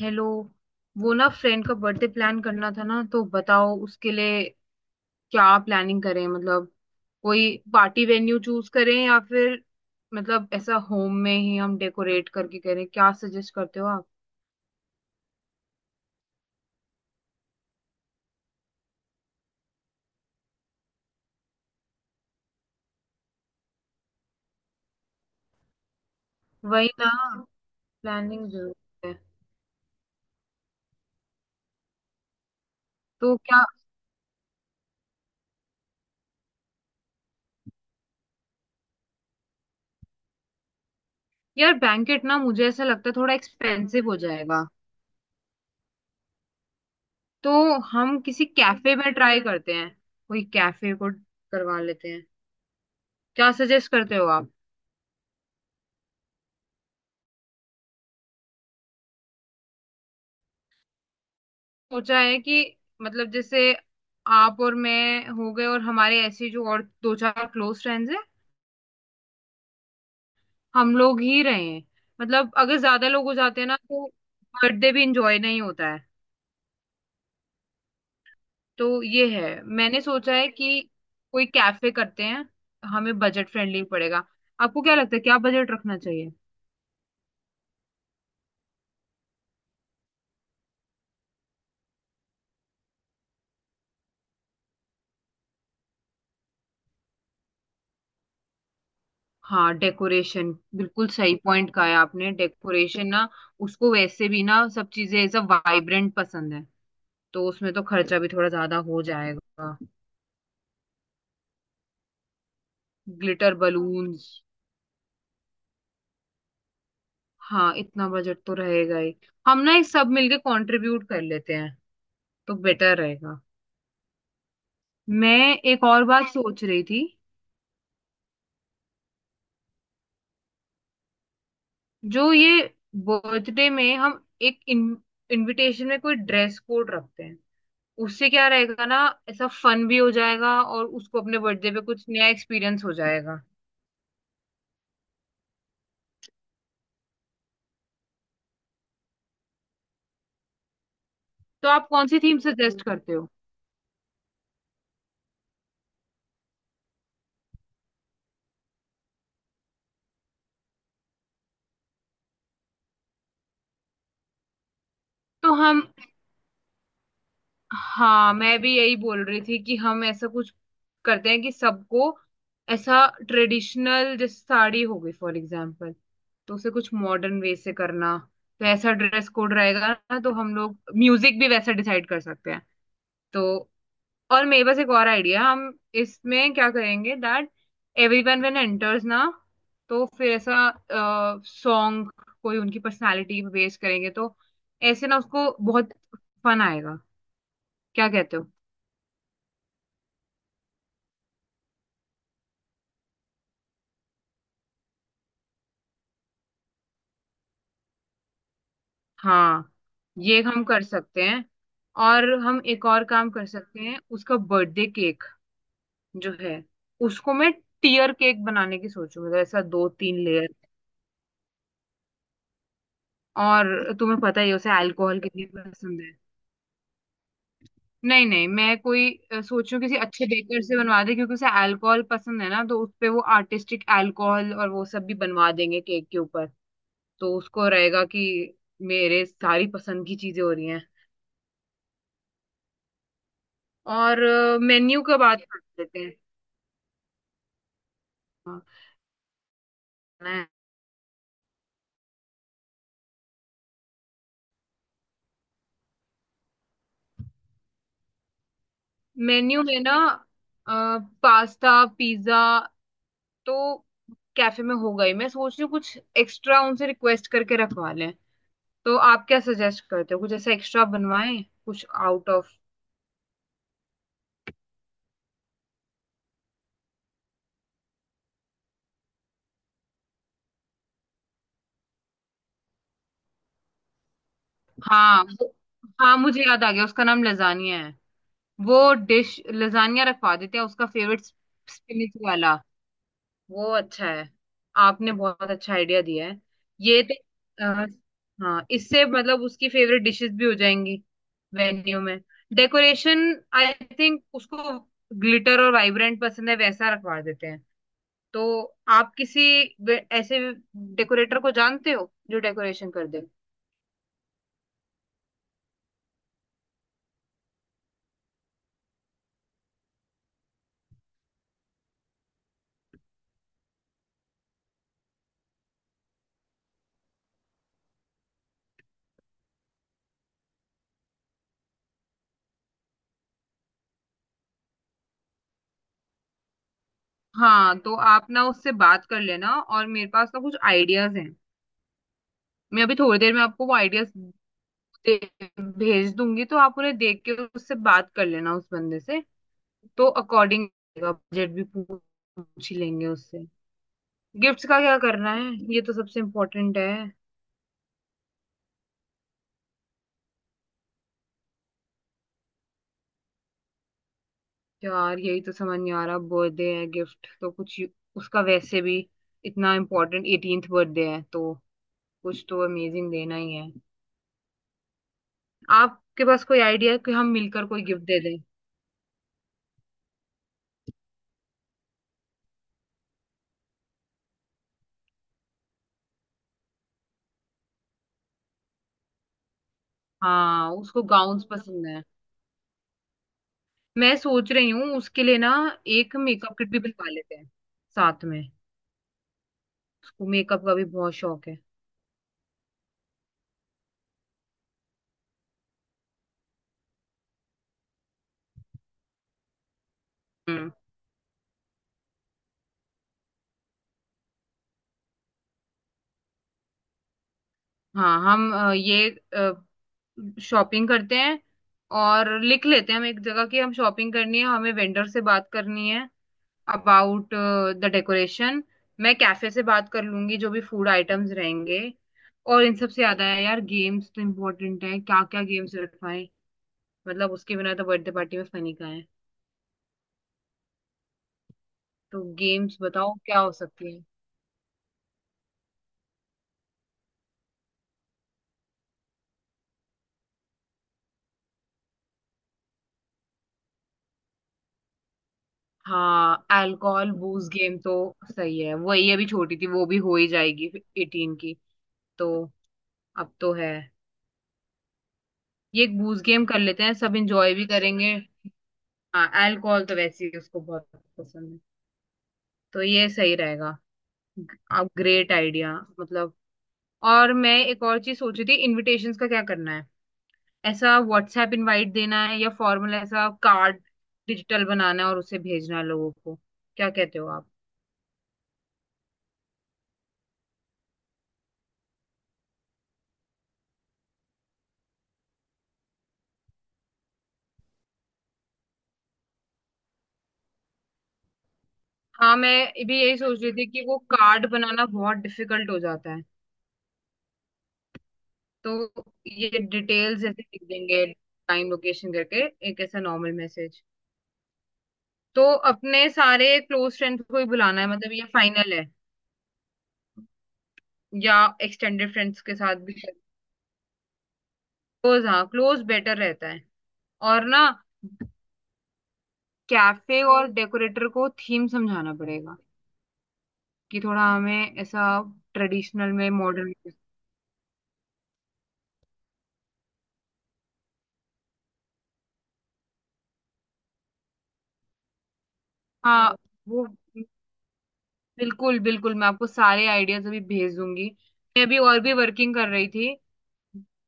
Hello. वो ना friend का बर्थडे प्लान करना था ना, तो बताओ उसके लिए क्या प्लानिंग करें। मतलब कोई पार्टी वेन्यू चूज करें या फिर मतलब ऐसा होम में ही हम डेकोरेट करके करें? क्या सजेस्ट करते हो आप? वही ना, प्लानिंग जरूरी है। तो क्या, यार बैंकेट ना मुझे ऐसा लगता है थोड़ा एक्सपेंसिव हो जाएगा। तो हम किसी कैफे में ट्राई करते हैं, कोई कैफे को करवा लेते हैं। क्या सजेस्ट करते हो आप? सोचा है कि मतलब जैसे आप और मैं हो गए और हमारे ऐसे जो और दो चार क्लोज फ्रेंड्स हैं, हम लोग ही रहे हैं। मतलब अगर ज्यादा लोग हो जाते हैं ना तो बर्थडे भी इंजॉय नहीं होता है। तो ये है, मैंने सोचा है कि कोई कैफे करते हैं, हमें बजट फ्रेंडली पड़ेगा। आपको क्या लगता है क्या बजट रखना चाहिए? हाँ, डेकोरेशन बिल्कुल सही पॉइंट कहा है आपने। डेकोरेशन ना, उसको वैसे भी ना सब चीजें सब वाइब्रेंट पसंद है, तो उसमें तो खर्चा भी थोड़ा ज्यादा हो जाएगा। Glitter balloons. हाँ, इतना बजट तो रहेगा ही। हम ना ये सब मिलके कंट्रीब्यूट कर लेते हैं तो बेटर रहेगा। मैं एक और बात सोच रही थी। जो ये बर्थडे में हम एक इनविटेशन में कोई ड्रेस कोड रखते हैं उससे क्या रहेगा ना। ऐसा फन भी हो जाएगा और उसको अपने बर्थडे पे कुछ नया एक्सपीरियंस हो जाएगा। तो आप कौन सी थीम सजेस्ट करते हो? तो हम, हाँ मैं भी यही बोल रही थी कि हम ऐसा कुछ करते हैं कि सबको ऐसा ट्रेडिशनल जैसे साड़ी हो गई फॉर एग्जांपल, तो उसे कुछ मॉडर्न वे से करना। तो ऐसा ड्रेस कोड रहेगा ना, तो हम लोग म्यूजिक भी वैसा डिसाइड कर सकते हैं। तो और मेरे पास एक और आइडिया। हम इसमें क्या करेंगे, दैट एवरीवन व्हेन एंटर्स ना तो फिर ऐसा सॉन्ग कोई उनकी पर्सनालिटी पे बेस करेंगे तो ऐसे ना उसको बहुत फन आएगा। क्या कहते हो? हाँ, ये हम कर सकते हैं। और हम एक और काम कर सकते हैं उसका बर्थडे केक जो है उसको मैं टीयर केक बनाने की सोचूं, मतलब ऐसा दो तीन लेयर। और तुम्हें पता ही है उसे अल्कोहल कितनी पसंद है। नहीं नहीं, मैं कोई सोचूं किसी अच्छे बेकर से बनवा दे क्योंकि उसे अल्कोहल पसंद है ना तो उस पे वो आर्टिस्टिक अल्कोहल और वो सब भी बनवा देंगे केक के ऊपर। तो उसको रहेगा कि मेरे सारी पसंद की चीजें हो रही हैं। और मेन्यू का बात कर लेते हैं। हाँ, मेन्यू में ना पास्ता, पिज्जा, तो कैफे में हो गई। मैं सोच रही हूँ कुछ एक्स्ट्रा उनसे रिक्वेस्ट करके रखवा लें। तो आप क्या सजेस्ट करते हो कुछ ऐसा एक्स्ट्रा बनवाएं, कुछ आउट ऑफ। हाँ हाँ मुझे याद आ गया उसका नाम लजानिया है। वो डिश लजानिया रखवा देते हैं, उसका फेवरेट स्पिनिच वाला। वो अच्छा है। आपने बहुत अच्छा आइडिया दिया है। ये तो अ, हाँ इससे मतलब उसकी फेवरेट डिशेस भी हो जाएंगी। वेन्यू में डेकोरेशन आई थिंक उसको ग्लिटर और वाइब्रेंट पसंद है वैसा रखवा देते हैं। तो आप किसी ऐसे डेकोरेटर को जानते हो जो डेकोरेशन कर दे? हाँ, तो आप ना उससे बात कर लेना और मेरे पास ना कुछ आइडियाज हैं। मैं अभी थोड़ी देर में आपको वो आइडियाज दे- भेज दूंगी, तो आप उन्हें देख के उससे बात कर लेना उस बंदे से। तो अकॉर्डिंग बजट भी पूछ पूछ ही लेंगे उससे। गिफ्ट्स का क्या करना है, ये तो सबसे इम्पोर्टेंट है। यार यही तो समझ नहीं आ रहा, बर्थडे है गिफ्ट तो कुछ उसका वैसे भी इतना इम्पोर्टेंट 18th बर्थडे है तो कुछ तो अमेजिंग देना ही है। आपके पास कोई आइडिया है कि हम मिलकर कोई गिफ्ट दे दें? हाँ उसको गाउन्स पसंद है। मैं सोच रही हूँ उसके लिए ना एक मेकअप किट भी बनवा लेते हैं साथ में। मेकअप का भी बहुत शौक है। हम्म, हाँ हम ये शॉपिंग करते हैं और लिख लेते हैं हम एक जगह की हम शॉपिंग करनी है, हमें वेंडर से बात करनी है अबाउट द डेकोरेशन। मैं कैफे से बात कर लूंगी, जो भी फूड आइटम्स रहेंगे। और इन सबसे ज्यादा है यार गेम्स तो इम्पोर्टेंट है, क्या क्या गेम्स रखवाएं। मतलब उसके बिना तो बर्थडे पार्टी में फनी का है। तो गेम्स बताओ क्या हो सकती है। हाँ अल्कोहल बूज गेम तो सही है, वही अभी छोटी थी वो भी हो ही जाएगी एटीन की। तो अब तो है। ये एक बूज गेम कर लेते हैं, सब इंजॉय भी करेंगे। हाँ अल्कोहल तो वैसे ही उसको बहुत पसंद है। तो ये सही रहेगा। अब ग्रेट आइडिया मतलब। और मैं एक और चीज सोच रही थी, इनविटेशंस का क्या करना है? ऐसा व्हाट्सएप इनवाइट देना है या फॉर्मल ऐसा कार्ड डिजिटल बनाना है और उसे भेजना है लोगों को। क्या कहते हो आप? हाँ मैं भी यही सोच रही थी कि वो कार्ड बनाना बहुत डिफिकल्ट हो जाता है। तो ये डिटेल्स जैसे लिख देंगे, टाइम लोकेशन करके एक ऐसा नॉर्मल मैसेज। तो अपने सारे क्लोज फ्रेंड्स को ही बुलाना है, मतलब ये फाइनल है? या एक्सटेंडेड फ्रेंड्स के साथ भी? क्लोज, हाँ क्लोज बेटर रहता है। और ना कैफे और डेकोरेटर को थीम समझाना पड़ेगा कि थोड़ा हमें ऐसा ट्रेडिशनल में मॉडर्न। हाँ वो बिल्कुल बिल्कुल, मैं आपको सारे आइडियाज अभी भेज दूंगी। मैं अभी और भी वर्किंग कर रही थी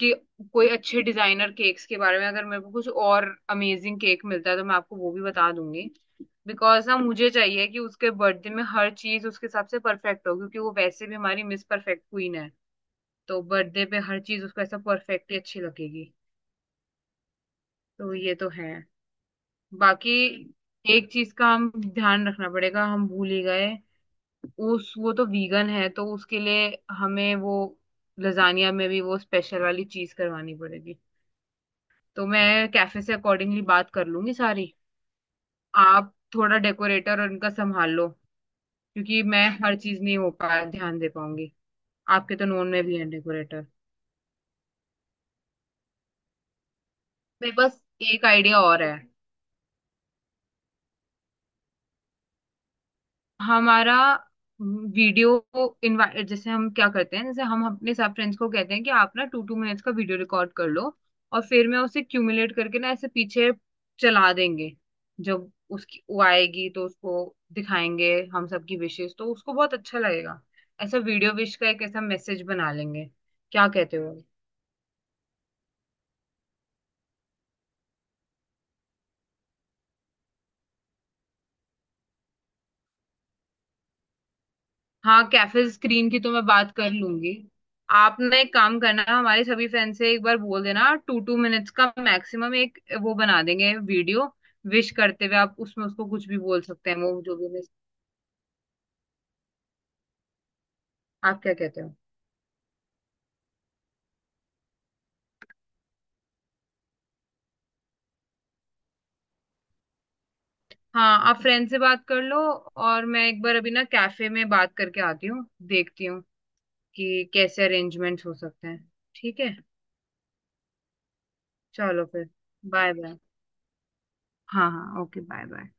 कि कोई अच्छे डिजाइनर केक्स के बारे में अगर मेरे को कुछ और अमेजिंग केक मिलता है तो मैं आपको वो भी बता दूंगी। बिकॉज ना मुझे चाहिए कि उसके बर्थडे में हर चीज उसके हिसाब से परफेक्ट हो, क्योंकि वो वैसे भी हमारी मिस परफेक्ट क्वीन है। तो बर्थडे पे हर चीज उसको ऐसा परफेक्टली अच्छी लगेगी। तो ये तो है। बाकी एक चीज का हम ध्यान रखना पड़ेगा, हम भूल ही गए। उस वो तो वीगन है, तो उसके लिए हमें वो लजानिया में भी वो स्पेशल वाली चीज करवानी पड़ेगी। तो मैं कैफे से अकॉर्डिंगली बात कर लूंगी सारी। आप थोड़ा डेकोरेटर और इनका संभाल लो, क्योंकि मैं हर चीज नहीं हो पा ध्यान दे पाऊंगी। आपके तो नोन में भी है डेकोरेटर। मेरे पास एक आइडिया और है। हमारा वीडियो इनवाइट जैसे हम क्या करते हैं, जैसे हम अपने सब फ्रेंड्स को कहते हैं कि आप ना टू टू मिनट्स का वीडियो रिकॉर्ड कर लो और फिर मैं उसे क्यूमुलेट करके ना ऐसे पीछे चला देंगे। जब उसकी वो आएगी तो उसको दिखाएंगे हम सबकी विशेष, तो उसको बहुत अच्छा लगेगा। ऐसा वीडियो विश का एक ऐसा मैसेज बना लेंगे। क्या कहते हो? हाँ कैफे स्क्रीन की तो मैं बात कर लूंगी। आपने एक काम करना, हमारे सभी फ्रेंड से एक बार बोल देना टू टू मिनट्स का मैक्सिमम, एक वो बना देंगे वीडियो विश करते हुए, आप उसमें उसको कुछ भी बोल सकते हैं वो जो भी आप क्या कहते हो? हाँ आप फ्रेंड से बात कर लो और मैं एक बार अभी ना कैफे में बात करके आती हूँ। देखती हूँ कि कैसे अरेंजमेंट्स हो सकते हैं। ठीक है, चलो फिर। Bye bye. हाँ हाँ ओके बाय बाय।